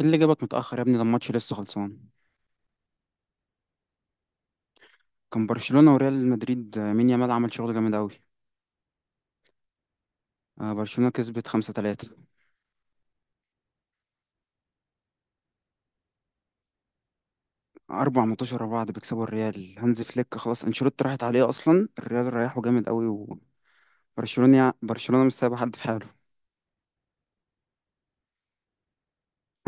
إيه اللي جابك متأخر يا ابني؟ ده الماتش لسه خلصان. كان برشلونة وريال مدريد. مين يامال عمل شغل جامد أوي. برشلونة كسبت 5-3. 4 ماتشات ورا بعض بيكسبوا الريال. هانز فليك خلاص، أنشيلوتي راحت عليه أصلا، الريال ريحه جامد أوي. وبرشلونة مش سايبة حد في حاله.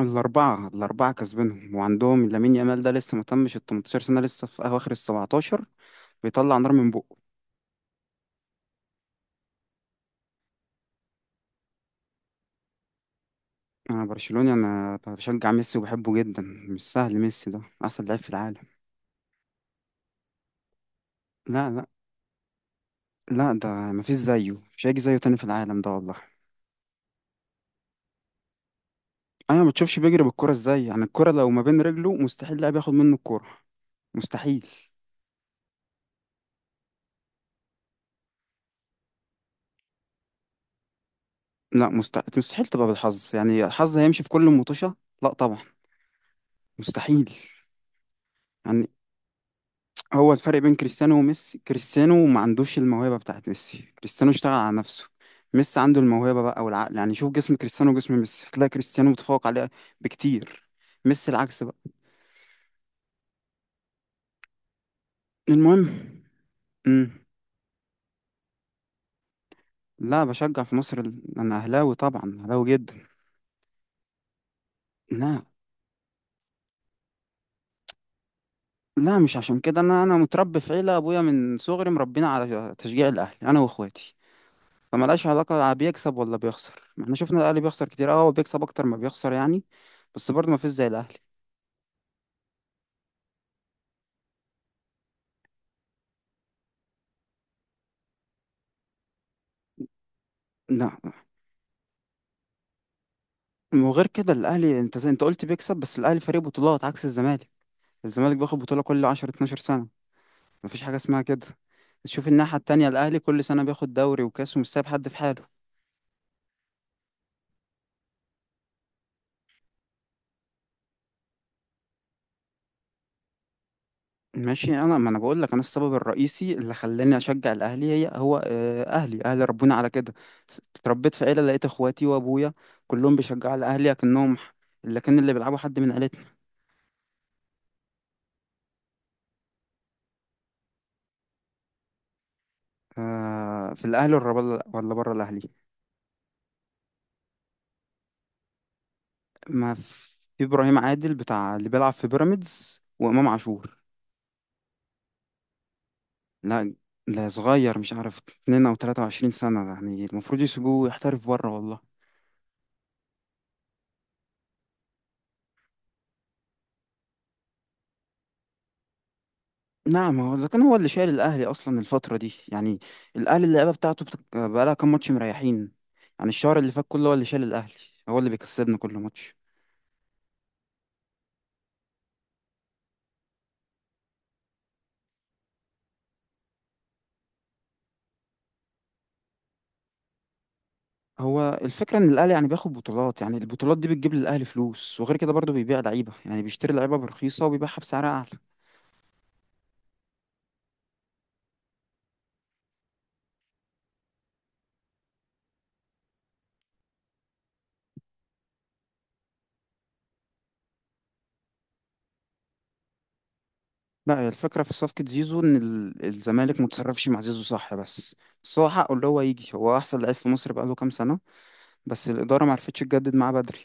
الأربعة الأربعة كسبينهم، وعندهم لامين يامال ده لسه ما تمش ال 18 سنة، لسه في أواخر ال 17، بيطلع نار من بقه. أنا برشلوني، أنا بشجع ميسي وبحبه جدا. مش سهل، ميسي ده أحسن لعيب في العالم. لا لا، لا ده مفيش زيه، مش هيجي زيه تاني في العالم ده والله. انا ما بتشوفش بيجري بالكرة ازاي؟ يعني الكرة لو ما بين رجله مستحيل لاعب ياخد منه الكرة، مستحيل. لا، مستحيل مستحيل تبقى بالحظ، يعني الحظ هيمشي في كل مطوشة؟ لا طبعا، مستحيل. يعني هو الفرق بين كريستيانو وميسي، كريستيانو ما عندوش الموهبة بتاعت ميسي، كريستيانو اشتغل على نفسه. ميسي عنده الموهبة بقى والعقل، يعني شوف جسم كريستيانو وجسم ميسي هتلاقي كريستيانو متفوق عليه بكتير، ميسي العكس بقى. المهم. مم. لا بشجع في مصر، انا اهلاوي طبعا، اهلاوي جدا. لا لا، مش عشان كده، انا متربي في عيله، ابويا من صغري مربينا على تشجيع الاهلي انا واخواتي، فملهاش علاقه لا بيكسب ولا بيخسر، ما احنا شفنا الاهلي بيخسر كتير. اه هو بيكسب اكتر ما بيخسر يعني، بس برضه ما فيش زي الاهلي. لا، وغير كده الاهلي انت زي انت قلت بيكسب، بس الاهلي فريق بطولات عكس الزمالك، الزمالك بياخد بطوله كل 10 12 سنه، ما فيش حاجه اسمها كده. تشوف الناحيه التانية الاهلي كل سنه بياخد دوري وكاس ومش سايب حد في حاله. ماشي، انا ما انا بقول لك، انا السبب الرئيسي اللي خلاني اشجع الاهلي هي هو، اهلي اهلي ربوني على كده. اتربيت في عيله لقيت اخواتي وابويا كلهم بيشجعوا الاهلي، اكنهم اللي كان اللي بيلعبوا حد من عيلتنا. في الاهلي ولا بره؟ ولا بره الاهلي؟ ما في ابراهيم عادل بتاع اللي بيلعب في بيراميدز، وامام عاشور. لا لا، صغير مش عارف، 2 او 23 سنه يعني، المفروض يسيبوه يحترف بره والله. نعم هو اذا كان هو اللي شايل الاهلي اصلا الفتره دي يعني، الاهلي اللعيبه بتاعته بقالها كام ماتش مريحين يعني، الشهر اللي فات كله هو اللي شايل الاهلي، هو اللي بيكسبنا كل ماتش. هو الفكره ان الاهلي يعني بياخد بطولات، يعني البطولات دي بتجيب للاهلي فلوس، وغير كده برضه بيبيع لعيبه، يعني بيشتري لعيبه برخيصه وبيبيعها بسعر اعلى. لا، هي الفكره في صفقه زيزو ان الزمالك متصرفش مع زيزو صح، بس بس هو حقه اللي هو يجي، هو احسن لعيب في مصر بقاله كام سنه، بس الاداره معرفتش تجدد معاه بدري.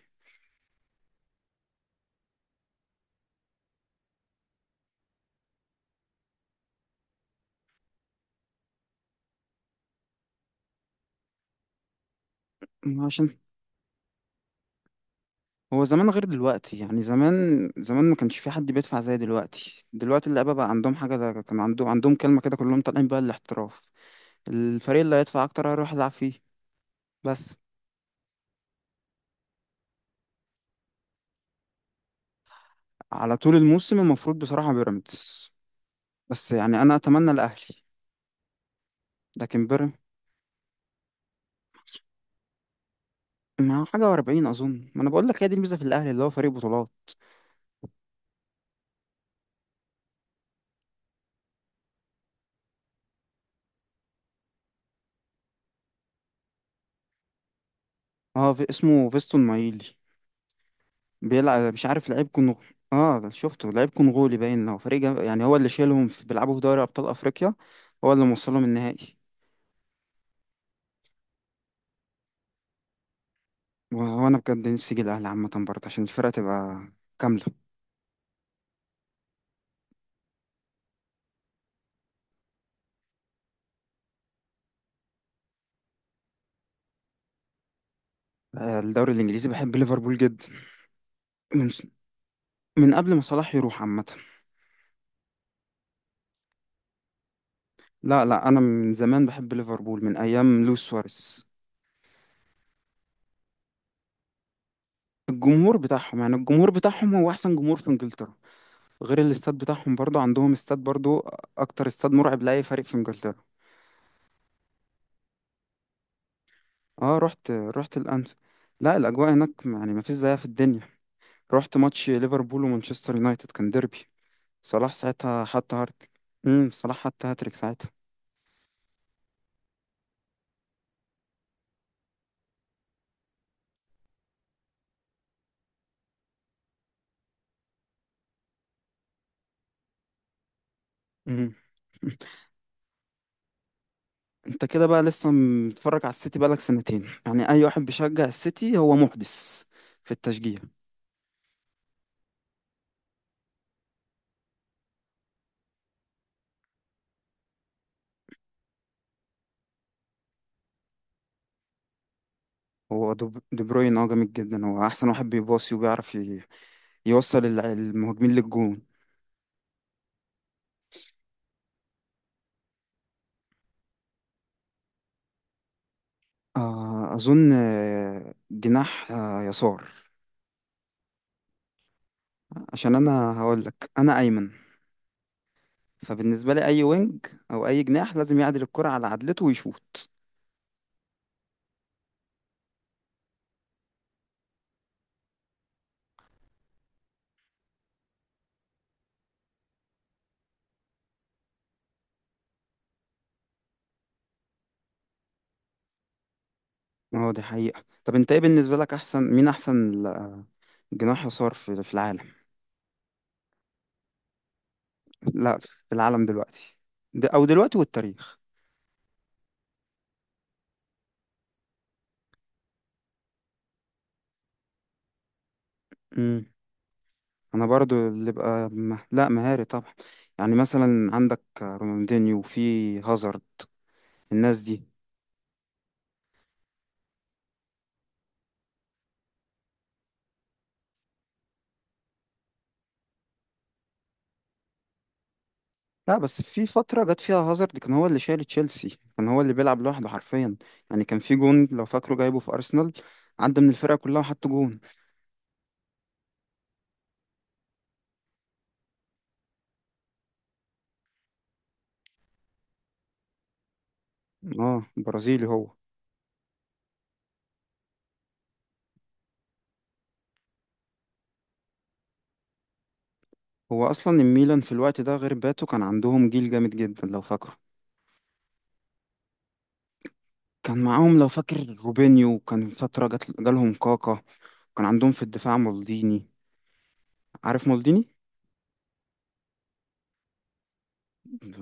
عشان هو زمان غير دلوقتي، يعني زمان، زمان ما كانش في حد بيدفع زي دلوقتي، دلوقتي اللعيبه بقى عندهم حاجه، ده كان عندهم عندهم كلمه كده، كلهم طالعين بقى الاحتراف، الفريق اللي هيدفع اكتر هيروح يلعب فيه بس. على طول الموسم المفروض بصراحه بيراميدز، بس يعني انا اتمنى الاهلي، لكن بيراميدز. ما هو حاجه و40 اظن، ما انا بقول لك هي دي الميزه في الاهلي اللي هو فريق بطولات. اه في، اسمه فيستون مايلي، بيلعب مش عارف، لعيب كونغولي. اه شفته، لعيب كونغولي باين، هو فريق يعني هو اللي شايلهم في... بيلعبوا في دوري ابطال افريقيا، هو اللي موصلهم النهائي. وهو انا بجد نفسي اجي الاهلي عامه برضه عشان الفرقه تبقى كامله. الدوري الانجليزي بحب ليفربول جدا. من من قبل ما صلاح يروح عامه. لا لا، انا من زمان بحب ليفربول من ايام لويس سواريز. الجمهور بتاعهم، يعني الجمهور بتاعهم هو احسن جمهور في انجلترا، غير الاستاد بتاعهم، برضه عندهم استاد برضه اكتر استاد مرعب لاي فريق في انجلترا. اه رحت، رحت الانف. لا الاجواء هناك يعني ما فيش زيها في الدنيا، رحت ماتش ليفربول ومانشستر يونايتد، كان ديربي، صلاح ساعتها حط هارت. صلاح حط هاتريك ساعتها. امم انت كده بقى لسه متفرج على السيتي بقالك 2 سنين، يعني اي واحد بيشجع السيتي هو محدث في التشجيع. هو دو دي بروين اه جامد جدا، هو احسن واحد بيباصي وبيعرف يوصل المهاجمين للجون. اظن، جناح، يسار. عشان انا هقول لك، انا ايمن، فبالنسبة لي أي وينج أو أي جناح لازم يعدل الكرة على عدلته ويشوط. اه دي حقيقة. طب أنت إيه بالنسبة لك أحسن مين، أحسن جناح يسار في, في العالم؟ لا في العالم دلوقتي، ده أو دلوقتي والتاريخ. امم أنا برضو اللي بقى لا مهاري طبعا، يعني مثلا عندك رونالدينيو وفي هازارد، الناس دي. لا بس في فترة جت فيها هازارد كان هو اللي شايل تشيلسي، كان هو اللي بيلعب لوحده حرفيا، يعني كان في جون لو فاكره جايبه في أرسنال، عدى من الفرقة كلها وحط جون. اه برازيلي هو. هو اصلا الميلان في الوقت ده غير باتو كان عندهم جيل جامد جدا لو فاكره. كان معاهم لو فاكر روبينيو، كان فترة جات جالهم كاكا، كان عندهم في الدفاع مالديني، عارف مالديني؟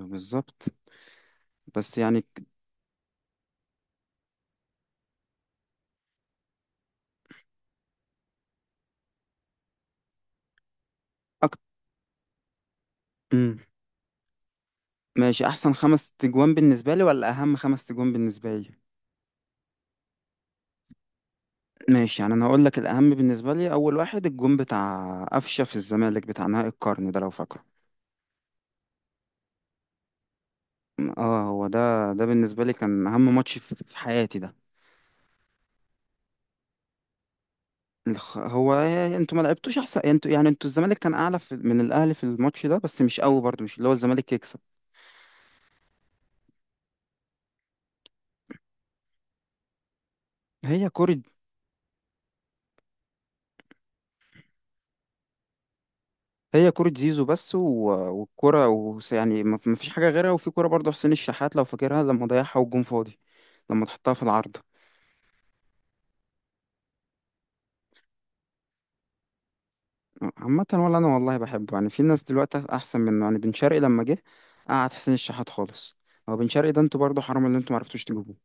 بالظبط، بس يعني. أكتر. ماشي، احسن 5 تجوان بالنسبة لي ولا اهم 5 تجوان بالنسبة لي؟ ماشي، يعني انا هقول لك، الاهم بالنسبة لي اول واحد الجون بتاع قفشة في الزمالك بتاع نهائي القرن، ده لو فاكره. اه هو ده، ده بالنسبة لي كان اهم ماتش في حياتي ده. هو انتوا ما لعبتوش احسن، انتوا يعني، انتوا الزمالك كان اعلى في من الاهلي في الماتش ده، بس مش قوي برضو مش اللي هو الزمالك يكسب. هي كرة، هي كرة زيزو بس و... والكرة و... يعني ما ما فيش حاجة غيرها، وفي كرة برضو حسين الشحات لو فاكرها لما ضيعها والجون فاضي، لما تحطها في العارضة. عامة ولا انا والله بحبه، يعني في ناس دلوقتي احسن منه، يعني بن شرقي لما جه قعد حسين الشحات خالص. هو بن شرقي ده انتوا برضو حرام اللي انتوا ما عرفتوش تجيبوه.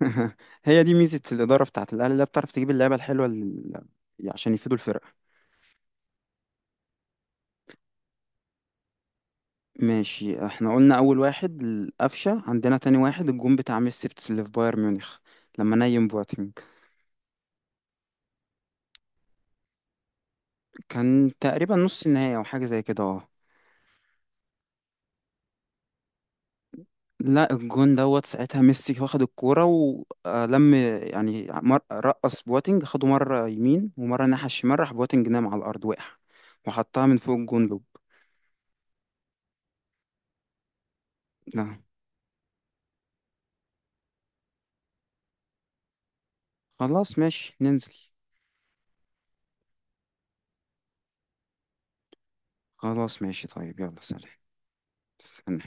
هي دي ميزة الإدارة بتاعت الأهلي، اللي هي بتعرف تجيب اللعيبة الحلوة عشان يفيدوا الفرقة. ماشي، احنا قلنا اول واحد القفشه عندنا، تاني واحد الجون بتاع ميسي اللي في بايرن ميونخ لما نيم بواتينج. كان تقريبا نص النهائي او حاجه زي كده اه. لا الجون دوت ساعتها ميسي واخد الكوره ولم، يعني رقص بواتينج، خده مره يمين ومره ناحيه الشمال، راح بواتينج نام على الارض وقع، وحطها من فوق الجون لوب. لا. خلاص ماشي ننزل. خلاص ماشي، طيب يلا سلام. استنى.